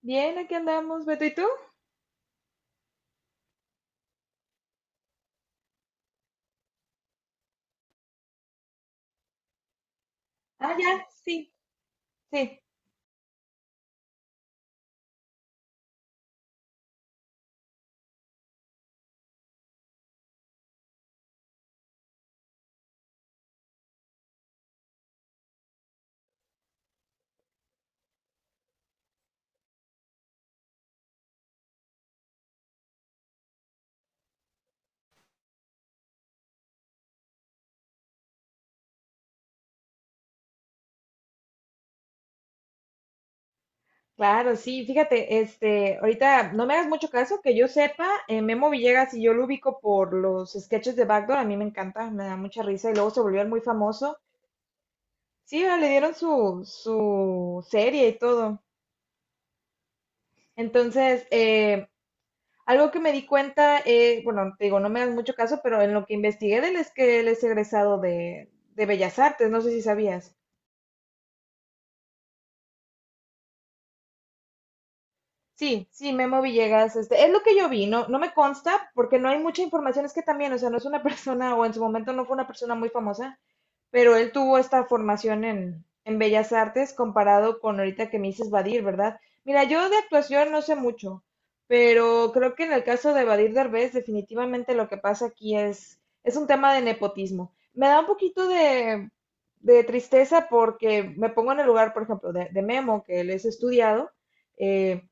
Bien, aquí andamos, Beto, ¿y tú? Ah, ya, sí. Sí, claro, sí, fíjate, ahorita no me hagas mucho caso, que yo sepa, Memo Villegas, y yo lo ubico por los sketches de Backdoor, a mí me encanta, me da mucha risa y luego se volvió muy famoso. Sí, ah, le dieron su serie y todo. Entonces, algo que me di cuenta, bueno, te digo, no me hagas mucho caso, pero en lo que investigué de él es que él es egresado de Bellas Artes, no sé si sabías. Sí, sí, Memo Villegas, este, es lo que yo vi, no, no me consta porque no hay mucha información, es que también, o sea, no es una persona, o en su momento no fue una persona muy famosa, pero él tuvo esta formación en Bellas Artes comparado con ahorita que me dices Badir, ¿verdad? Mira, yo de actuación no sé mucho, pero creo que en el caso de Badir Derbez, definitivamente lo que pasa aquí es un tema de nepotismo. Me da un poquito de tristeza porque me pongo en el lugar, por ejemplo, de Memo, que él es estudiado, eh,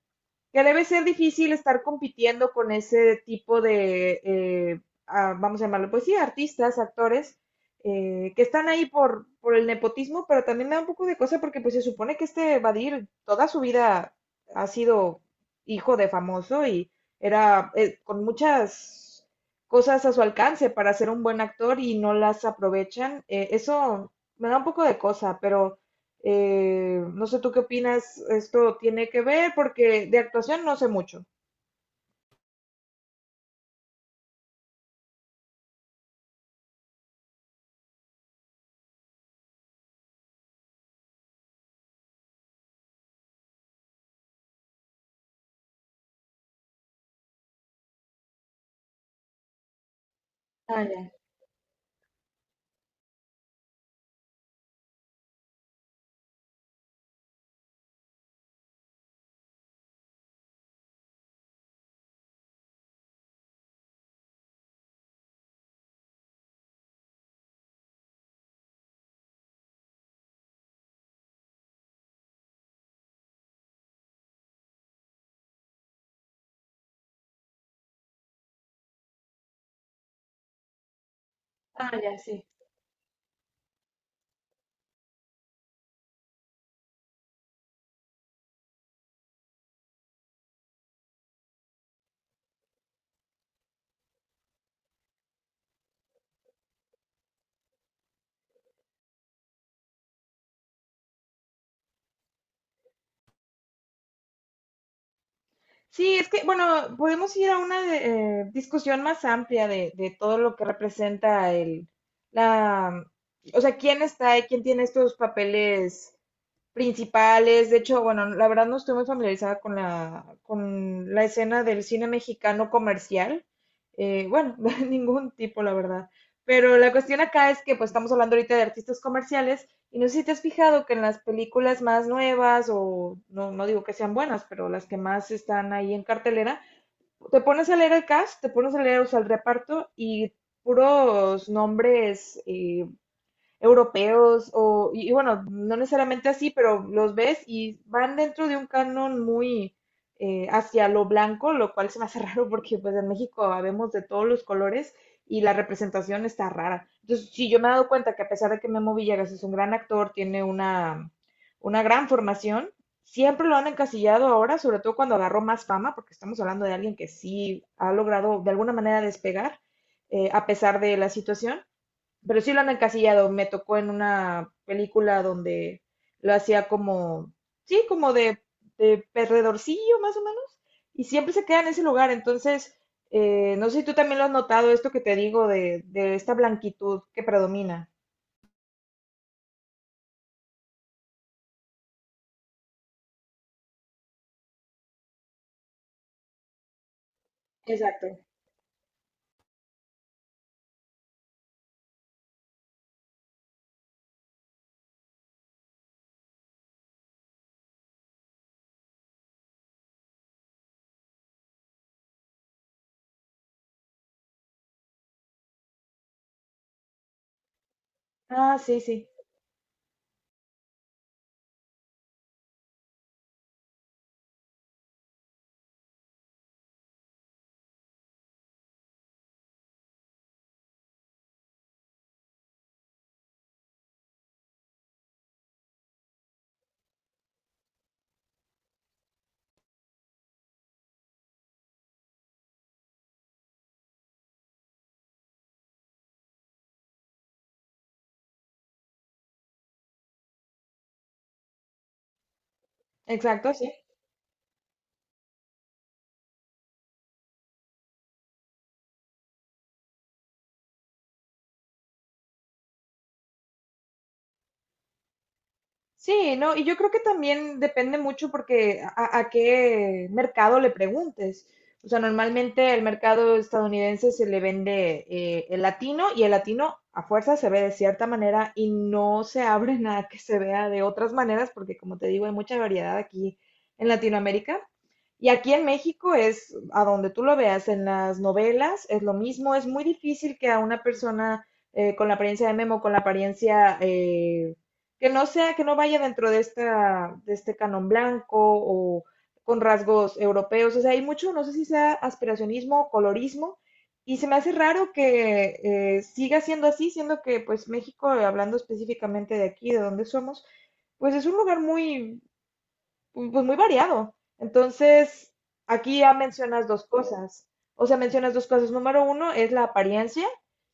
que debe ser difícil estar compitiendo con ese tipo de, ah, vamos a llamarlo, pues sí, artistas, actores, que están ahí por el nepotismo, pero también me da un poco de cosa porque pues se supone que este Badir toda su vida ha sido hijo de famoso y era con muchas cosas a su alcance para ser un buen actor y no las aprovechan. Eso me da un poco de cosa, pero no sé tú qué opinas, esto tiene que ver porque de actuación no sé mucho. Ah, ya, ah, ya, sí. Sí, es que, bueno, podemos ir a una discusión más amplia de todo lo que representa la, o sea, quién está y quién tiene estos papeles principales. De hecho, bueno, la verdad no estoy muy familiarizada con con la escena del cine mexicano comercial. Bueno, de ningún tipo, la verdad. Pero la cuestión acá es que pues estamos hablando ahorita de artistas comerciales y no sé si te has fijado que en las películas más nuevas o no, no digo que sean buenas, pero las que más están ahí en cartelera, te pones a leer el cast, te pones a leer, o sea, el reparto, y puros nombres europeos o, y bueno, no necesariamente así, pero los ves y van dentro de un canon muy hacia lo blanco, lo cual se me hace raro porque pues en México vemos de todos los colores y la representación está rara. Entonces, sí, yo me he dado cuenta que a pesar de que Memo Villegas es un gran actor, tiene una gran formación, siempre lo han encasillado ahora, sobre todo cuando agarró más fama, porque estamos hablando de alguien que sí ha logrado de alguna manera despegar, a pesar de la situación, pero sí lo han encasillado. Me tocó en una película donde lo hacía como, sí, como de perdedorcillo más o menos, y siempre se queda en ese lugar. Entonces, no sé si tú también lo has notado, esto que te digo de esta blanquitud que predomina. Exacto. Ah, sí, sí. Exacto, sí. Sí, no, y yo creo que también depende mucho porque a qué mercado le preguntes. O sea, normalmente el mercado estadounidense se le vende el latino, y el latino a fuerza se ve de cierta manera y no se abre nada que se vea de otras maneras porque como te digo hay mucha variedad aquí en Latinoamérica. Y aquí en México, es a donde tú lo veas, en las novelas es lo mismo, es muy difícil que a una persona con la apariencia de Memo, con la apariencia, que no sea, que no vaya dentro de, esta, de este canon blanco o con rasgos europeos. O sea, hay mucho, no sé si sea aspiracionismo o colorismo, y se me hace raro que siga siendo así, siendo que pues México, hablando específicamente de aquí, de donde somos, pues es un lugar muy, pu- pues muy variado. Entonces, aquí ya mencionas dos cosas. O sea, mencionas dos cosas. Número uno es la apariencia,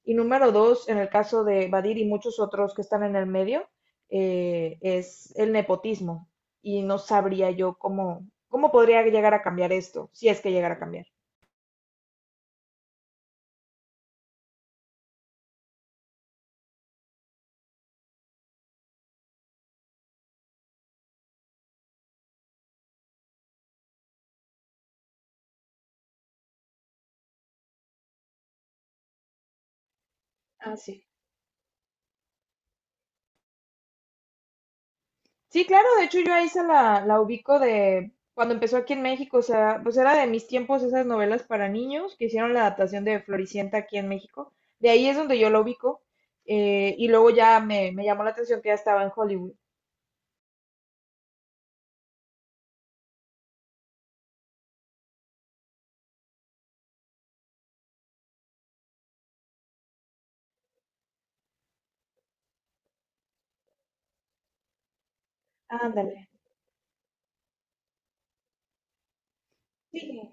y número dos, en el caso de Badir y muchos otros que están en el medio, es el nepotismo. Y no sabría yo cómo, cómo podría llegar a cambiar esto, si es que llegara a cambiar. Ah, sí. Sí, claro, de hecho yo a Isa la ubico de cuando empezó aquí en México, o sea, pues era de mis tiempos esas novelas para niños que hicieron la adaptación de Floricienta aquí en México. De ahí es donde yo la ubico. Eh, y luego ya me llamó la atención que ya estaba en Hollywood. Ándale. Sí.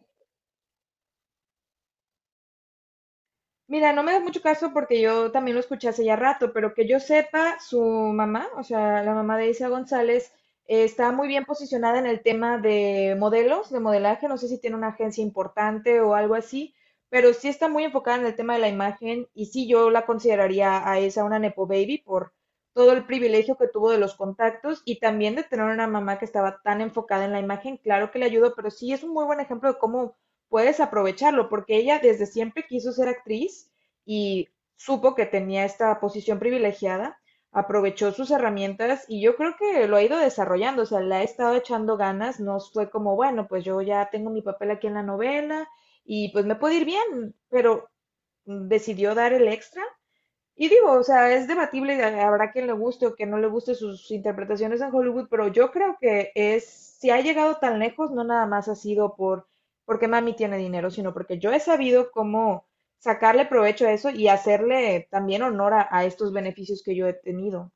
Mira, no me das mucho caso porque yo también lo escuché hace ya rato, pero que yo sepa, su mamá, o sea, la mamá de Isa González, está muy bien posicionada en el tema de modelos, de modelaje. No sé si tiene una agencia importante o algo así, pero sí está muy enfocada en el tema de la imagen, y sí yo la consideraría a esa una Nepo Baby por todo el privilegio que tuvo de los contactos y también de tener una mamá que estaba tan enfocada en la imagen. Claro que le ayudó, pero sí es un muy buen ejemplo de cómo puedes aprovecharlo, porque ella desde siempre quiso ser actriz y supo que tenía esta posición privilegiada, aprovechó sus herramientas y yo creo que lo ha ido desarrollando, o sea, le ha estado echando ganas, no fue como, bueno, pues yo ya tengo mi papel aquí en la novela y pues me puede ir bien, pero decidió dar el extra. Y digo, o sea, es debatible, habrá quien le guste o que no le guste sus interpretaciones en Hollywood, pero yo creo que es, si ha llegado tan lejos, no nada más ha sido porque mami tiene dinero, sino porque yo he sabido cómo sacarle provecho a eso y hacerle también honor a estos beneficios que yo he tenido.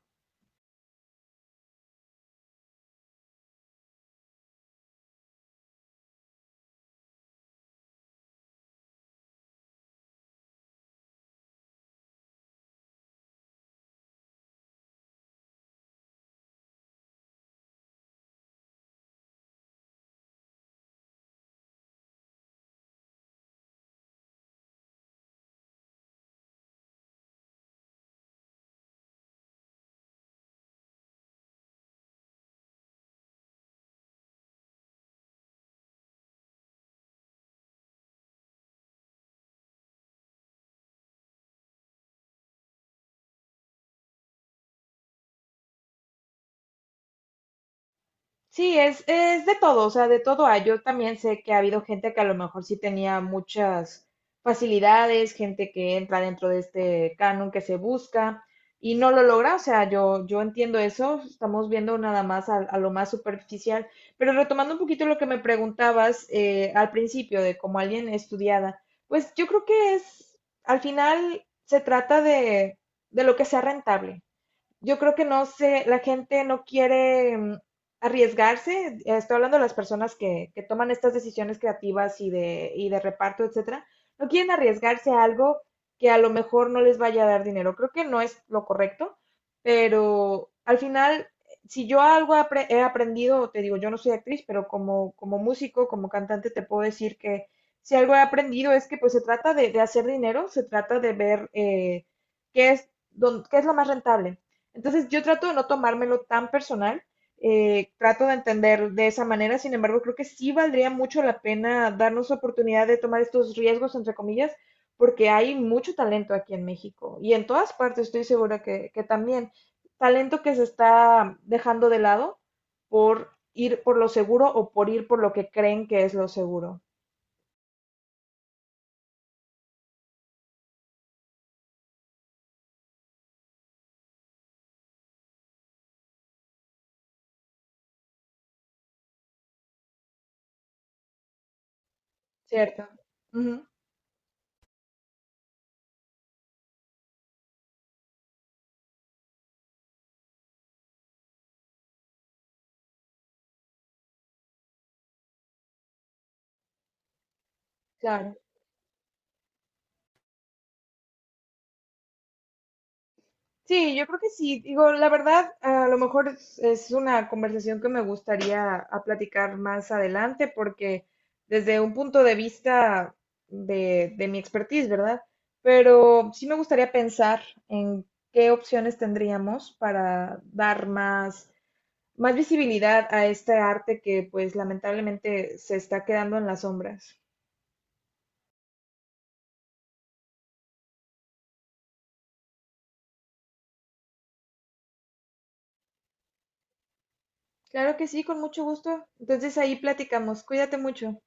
Sí, es de todo, o sea, de todo hay. Yo también sé que ha habido gente que a lo mejor sí tenía muchas facilidades, gente que entra dentro de este canon que se busca y no lo logra, o sea, yo entiendo eso, estamos viendo nada más a lo más superficial, pero retomando un poquito lo que me preguntabas, al principio, de como alguien estudiada, pues yo creo que es, al final se trata de lo que sea rentable. Yo creo que no sé, la gente no quiere arriesgarse, estoy hablando de las personas que toman estas decisiones creativas y de reparto, etcétera, no quieren arriesgarse a algo que a lo mejor no les vaya a dar dinero. Creo que no es lo correcto, pero al final, si yo algo he aprendido, te digo, yo no soy actriz, pero como, como músico, como cantante, te puedo decir que si algo he aprendido es que pues se trata de hacer dinero, se trata de ver qué es, qué es lo más rentable. Entonces yo trato de no tomármelo tan personal, trato de entender de esa manera, sin embargo creo que sí valdría mucho la pena darnos oportunidad de tomar estos riesgos, entre comillas, porque hay mucho talento aquí en México y en todas partes, estoy segura que también talento que se está dejando de lado por ir por lo seguro o por ir por lo que creen que es lo seguro, ¿cierto? Ujú, claro. Sí, yo creo que sí. Digo, la verdad, a lo mejor es una conversación que me gustaría a platicar más adelante, porque desde un punto de vista de mi expertise, ¿verdad? Pero sí me gustaría pensar en qué opciones tendríamos para dar más, más visibilidad a este arte que, pues, lamentablemente se está quedando en las sombras. Claro que sí, con mucho gusto. Entonces ahí platicamos. Cuídate mucho.